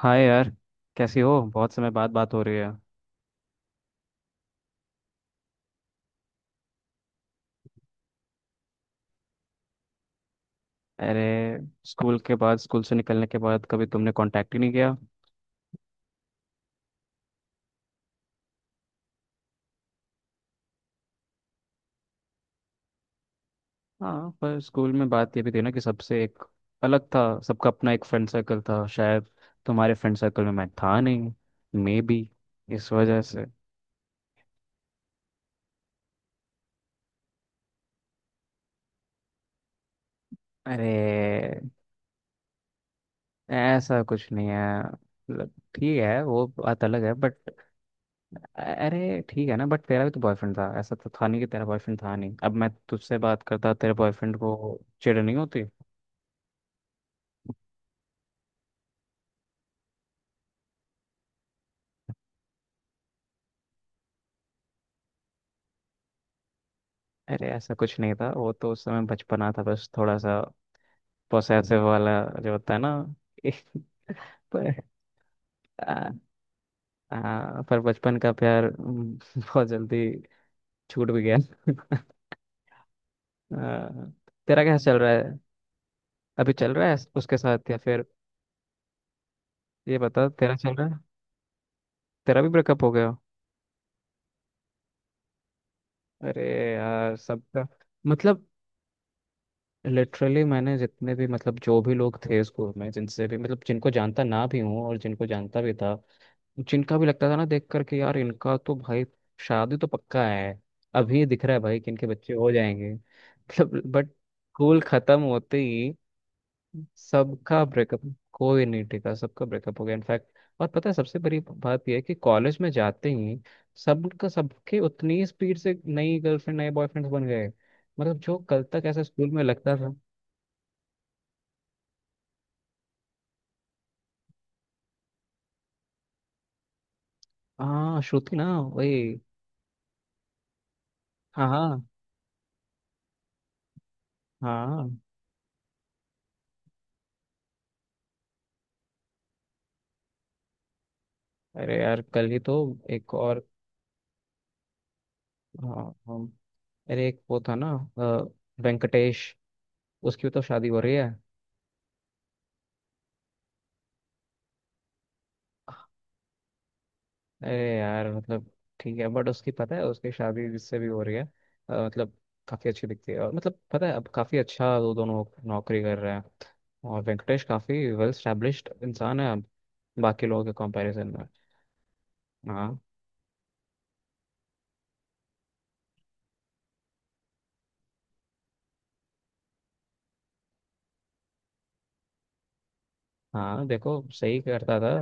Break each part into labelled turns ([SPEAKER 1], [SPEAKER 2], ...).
[SPEAKER 1] हाय यार। कैसी हो? बहुत समय बाद बात हो रही है। अरे, स्कूल से निकलने के बाद कभी तुमने कांटेक्ट ही नहीं किया। हाँ, पर स्कूल में बात ये भी थी ना कि सबसे एक अलग था। सबका अपना एक फ्रेंड सर्कल था शायद। तुम्हारे फ्रेंड सर्कल में मैं था नहीं, मे बी, इस वजह से। अरे ऐसा कुछ नहीं है, मतलब ठीक है, वो बात अलग है बट। अरे ठीक है ना, बट तेरा भी तो बॉयफ्रेंड था। ऐसा तो था नहीं कि तेरा बॉयफ्रेंड था नहीं। अब मैं तुझसे बात करता तेरे बॉयफ्रेंड को चिढ़ नहीं होती? अरे ऐसा कुछ नहीं था, वो तो उस समय बचपना था, बस थोड़ा सा पोसेसिव वाला, जो होता है ना। पर आ, पर बचपन का प्यार। बहुत जल्दी छूट भी गया। आ, तेरा क्या चल रहा है? अभी चल रहा है उसके साथ या फिर? ये बता तेरा चल रहा है? तेरा भी ब्रेकअप हो गया? अरे यार, सबका। मतलब लिटरली मैंने जितने भी, मतलब, जो भी लोग थे स्कूल में, जिनसे भी, मतलब, जिनको जानता ना भी हूँ और जिनको जानता भी था, जिनका भी लगता था ना देख करके, यार इनका तो भाई शादी तो पक्का है, अभी दिख रहा है भाई कि इनके बच्चे हो जाएंगे। मतलब बट स्कूल खत्म होते ही सबका ब्रेकअप। कोई नहीं टिका, सबका ब्रेकअप हो गया इनफैक्ट। और पता है सबसे बड़ी बात यह है कि कॉलेज में जाते ही सबका सबके उतनी स्पीड से नई गर्लफ्रेंड नए बॉयफ्रेंड बन गए। मतलब जो कल तक ऐसा स्कूल में लगता था। हाँ श्रुति ना, वही। हाँ हाँ हाँ। अरे यार कल ही तो। एक और, हाँ हाँ। अरे एक वो था ना, अ, वेंकटेश, उसकी तो शादी हो रही है। अरे यार मतलब ठीक है, बट उसकी पता है, उसकी शादी जिससे भी हो रही है, मतलब काफ़ी अच्छी दिखती है। और मतलब पता है अब काफ़ी अच्छा, वो दोनों नौकरी कर रहे हैं। और वेंकटेश काफ़ी वेल स्टैब्लिश्ड इंसान है अब, बाकी लोगों के कंपैरिजन में। हाँ हाँ, देखो सही करता था।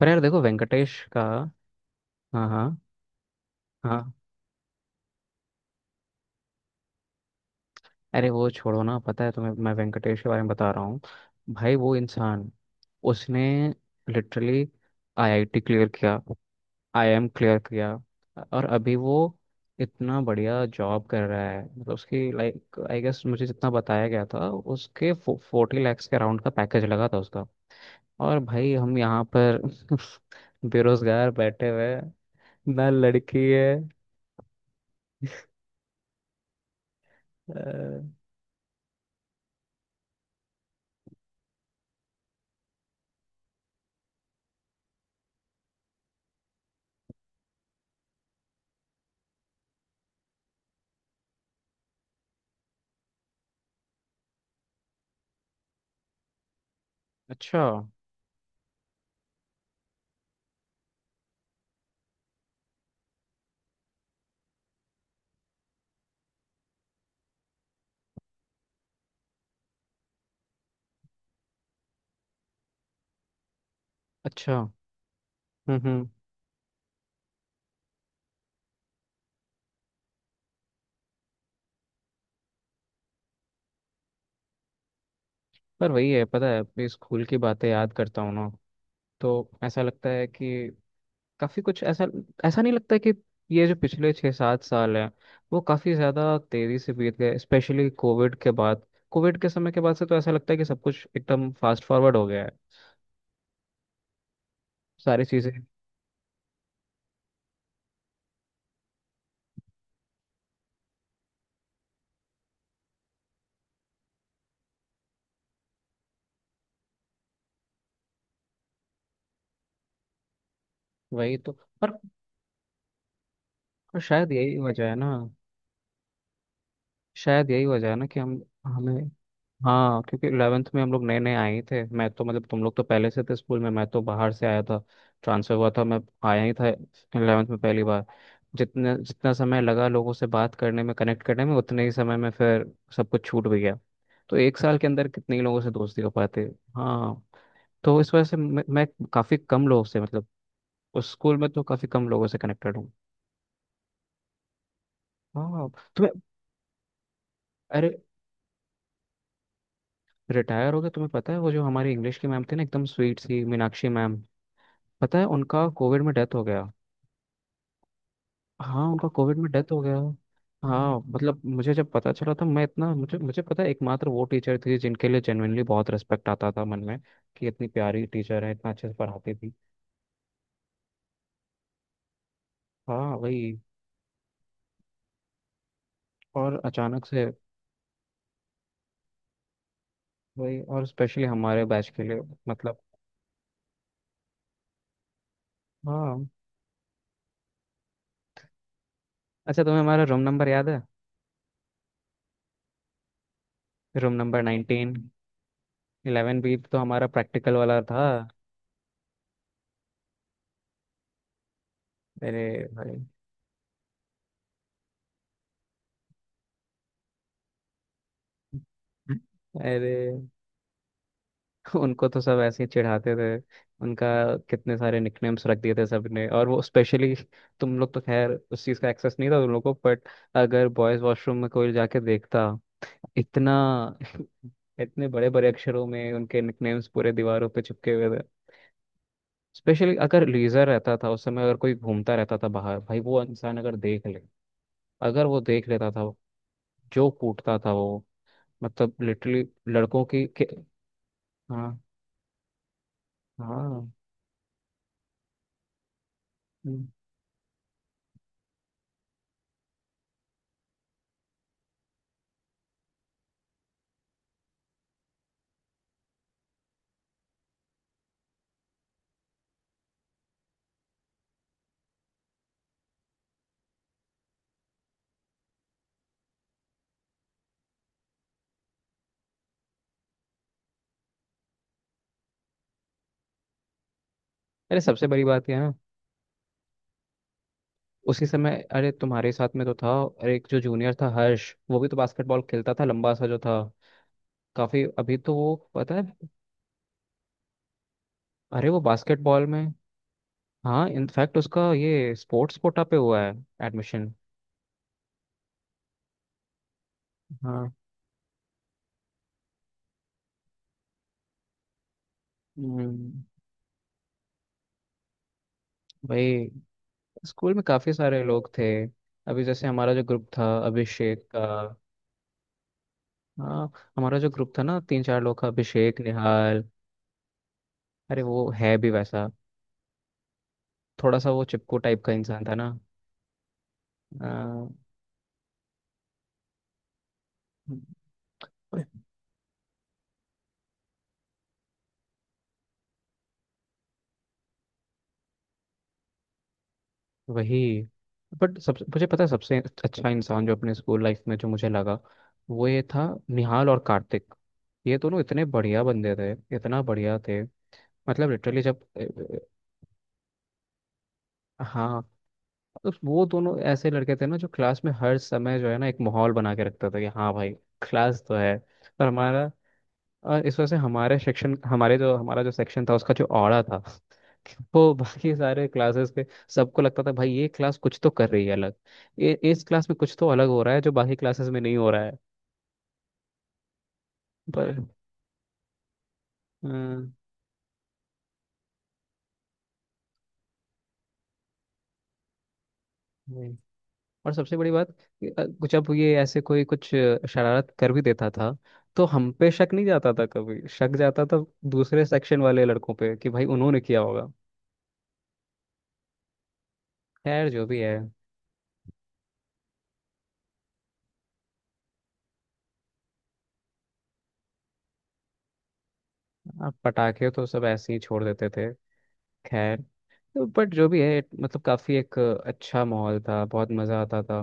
[SPEAKER 1] पर यार देखो वेंकटेश का। हाँ हाँ हाँ। अरे वो छोड़ो ना, पता है तुम्हें, मैं वेंकटेश के बारे में बता रहा हूँ। भाई वो इंसान, उसने लिटरली आईआईटी क्लियर किया, आईआईएम क्लियर किया। और अभी वो इतना बढ़िया जॉब कर रहा है, मतलब उसकी, लाइक, आई गेस मुझे जितना बताया गया था उसके 40 लाख के अराउंड का पैकेज लगा था उसका। और भाई हम यहाँ पर बेरोजगार बैठे हुए हैं। ना लड़की है, अ, अच्छा। अच्छा। हम्म। पर वही है, पता है अपने स्कूल की बातें याद करता हूँ ना, तो ऐसा लगता है कि काफी कुछ ऐसा, ऐसा नहीं लगता कि ये जो पिछले 6-7 साल हैं वो काफी ज्यादा तेजी से बीत गए, स्पेशली कोविड के बाद। कोविड के समय के बाद से तो ऐसा लगता है कि सब कुछ एकदम फास्ट फॉरवर्ड हो गया है, सारी चीजें। वही तो। पर शायद यही वजह है ना शायद यही वजह है ना कि हम, हमें। हाँ, क्योंकि 11th में हम लोग नए नए आए ही थे, मैं तो मतलब तुम लोग तो पहले से थे स्कूल में, मैं तो बाहर से आया था। ट्रांसफर हुआ था मैं, आया ही था 11th में पहली बार। जितने जितना समय लगा लोगों से बात करने में, कनेक्ट करने में, उतने ही समय में फिर सब कुछ छूट भी गया। तो एक साल के अंदर कितने ही लोगों से दोस्ती हो पाते? हाँ। तो इस वजह से मैं काफ़ी कम लोगों से, मतलब उस स्कूल में तो काफ़ी कम लोगों से कनेक्टेड हूँ। हाँ। तुम्हें, अरे रिटायर हो गए, तुम्हें पता है वो जो हमारी इंग्लिश की मैम थी ना, एकदम स्वीट सी मीनाक्षी मैम, पता है उनका कोविड में डेथ हो गया। हाँ, उनका कोविड में डेथ हो गया। हाँ मतलब मुझे जब पता चला था मैं इतना, मुझे मुझे पता है एकमात्र वो टीचर थी जिनके लिए जेनुइनली बहुत रिस्पेक्ट आता था मन में, कि इतनी प्यारी टीचर है, इतना अच्छे से पढ़ाती थी। हाँ वही। और अचानक से। वही, और स्पेशली हमारे बैच के लिए। मतलब। हाँ। अच्छा तुम्हें हमारा रूम नंबर याद है? Room number 19। 11 बी तो हमारा प्रैक्टिकल वाला था। अरे भाई। अरे। उनको तो सब ऐसे ही चिढ़ाते थे। उनका, कितने सारे निकनेम्स रख दिए थे सबने। और वो स्पेशली, तुम लोग तो खैर उस चीज़ का एक्सेस नहीं था तुम लोग को बट, अगर बॉयज वॉशरूम में कोई जाके देखता, इतना इतने बड़े बड़े अक्षरों में उनके निकनेम्स पूरे दीवारों पे चिपके हुए थे। स्पेशली अगर लीजर रहता था उस समय, अगर कोई घूमता रहता था बाहर, भाई वो इंसान अगर देख ले, अगर वो देख लेता था, जो कूटता था वो, मतलब लिटरली लड़कों की के। हाँ हाँ। हम्म। अरे सबसे बड़ी बात यह है ना, उसी समय। अरे तुम्हारे साथ में तो था, और एक जो जूनियर था हर्ष, वो भी तो बास्केटबॉल खेलता था, लंबा सा जो था, काफी। अभी तो वो पता है, अरे वो बास्केटबॉल में। हाँ इनफैक्ट उसका ये स्पोर्ट्स कोटा पे हुआ है एडमिशन। हाँ। हम्म, भाई स्कूल में काफी सारे लोग थे। अभी जैसे हमारा जो ग्रुप था अभिषेक का। हाँ, हमारा जो ग्रुप था ना तीन चार लोग का, अभिषेक, निहाल। अरे वो है भी वैसा, थोड़ा सा वो चिपकू टाइप का इंसान था ना। आ, वही। बट सब मुझे पता है, सबसे अच्छा इंसान जो अपने स्कूल लाइफ में जो मुझे लगा, वो ये था, निहाल और कार्तिक। ये दोनों इतने बढ़िया बंदे थे, इतना बढ़िया थे। मतलब लिटरली जब हाँ। तो वो दोनों ऐसे लड़के थे ना, जो क्लास में हर समय जो है ना एक माहौल बना के रखते थे कि हाँ भाई क्लास तो है। और हमारा, और इस वजह से हमारे सेक्शन हमारे जो हमारा जो सेक्शन था उसका जो औड़ा था, वो बाकी सारे क्लासेस के। सबको लगता था भाई ये क्लास कुछ तो कर रही है अलग, ये इस क्लास में कुछ तो अलग हो रहा है जो बाकी क्लासेस में नहीं हो रहा है। पर हाँ, वही। और सबसे बड़ी बात कि, कुछ अब ये ऐसे कोई कुछ शरारत कर भी देता था, तो हम पे शक नहीं जाता था, कभी शक जाता था दूसरे सेक्शन वाले लड़कों पे कि भाई उन्होंने किया होगा। खैर जो भी है। अब पटाखे तो सब ऐसे ही छोड़ देते थे। खैर, तो बट जो भी है, मतलब काफ़ी एक अच्छा माहौल था, बहुत मज़ा आता था।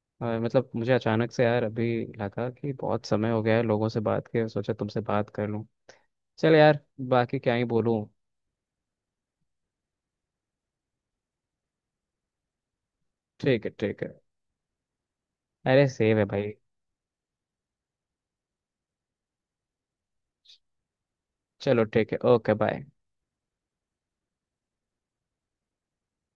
[SPEAKER 1] और मतलब मुझे अचानक से यार अभी लगा कि बहुत समय हो गया है लोगों से बात किए, सोचा तुमसे बात कर लूँ। चल यार, बाकी क्या ही बोलूँ। ठीक है, ठीक है। अरे सेव है भाई। चलो ठीक है, ओके बाय।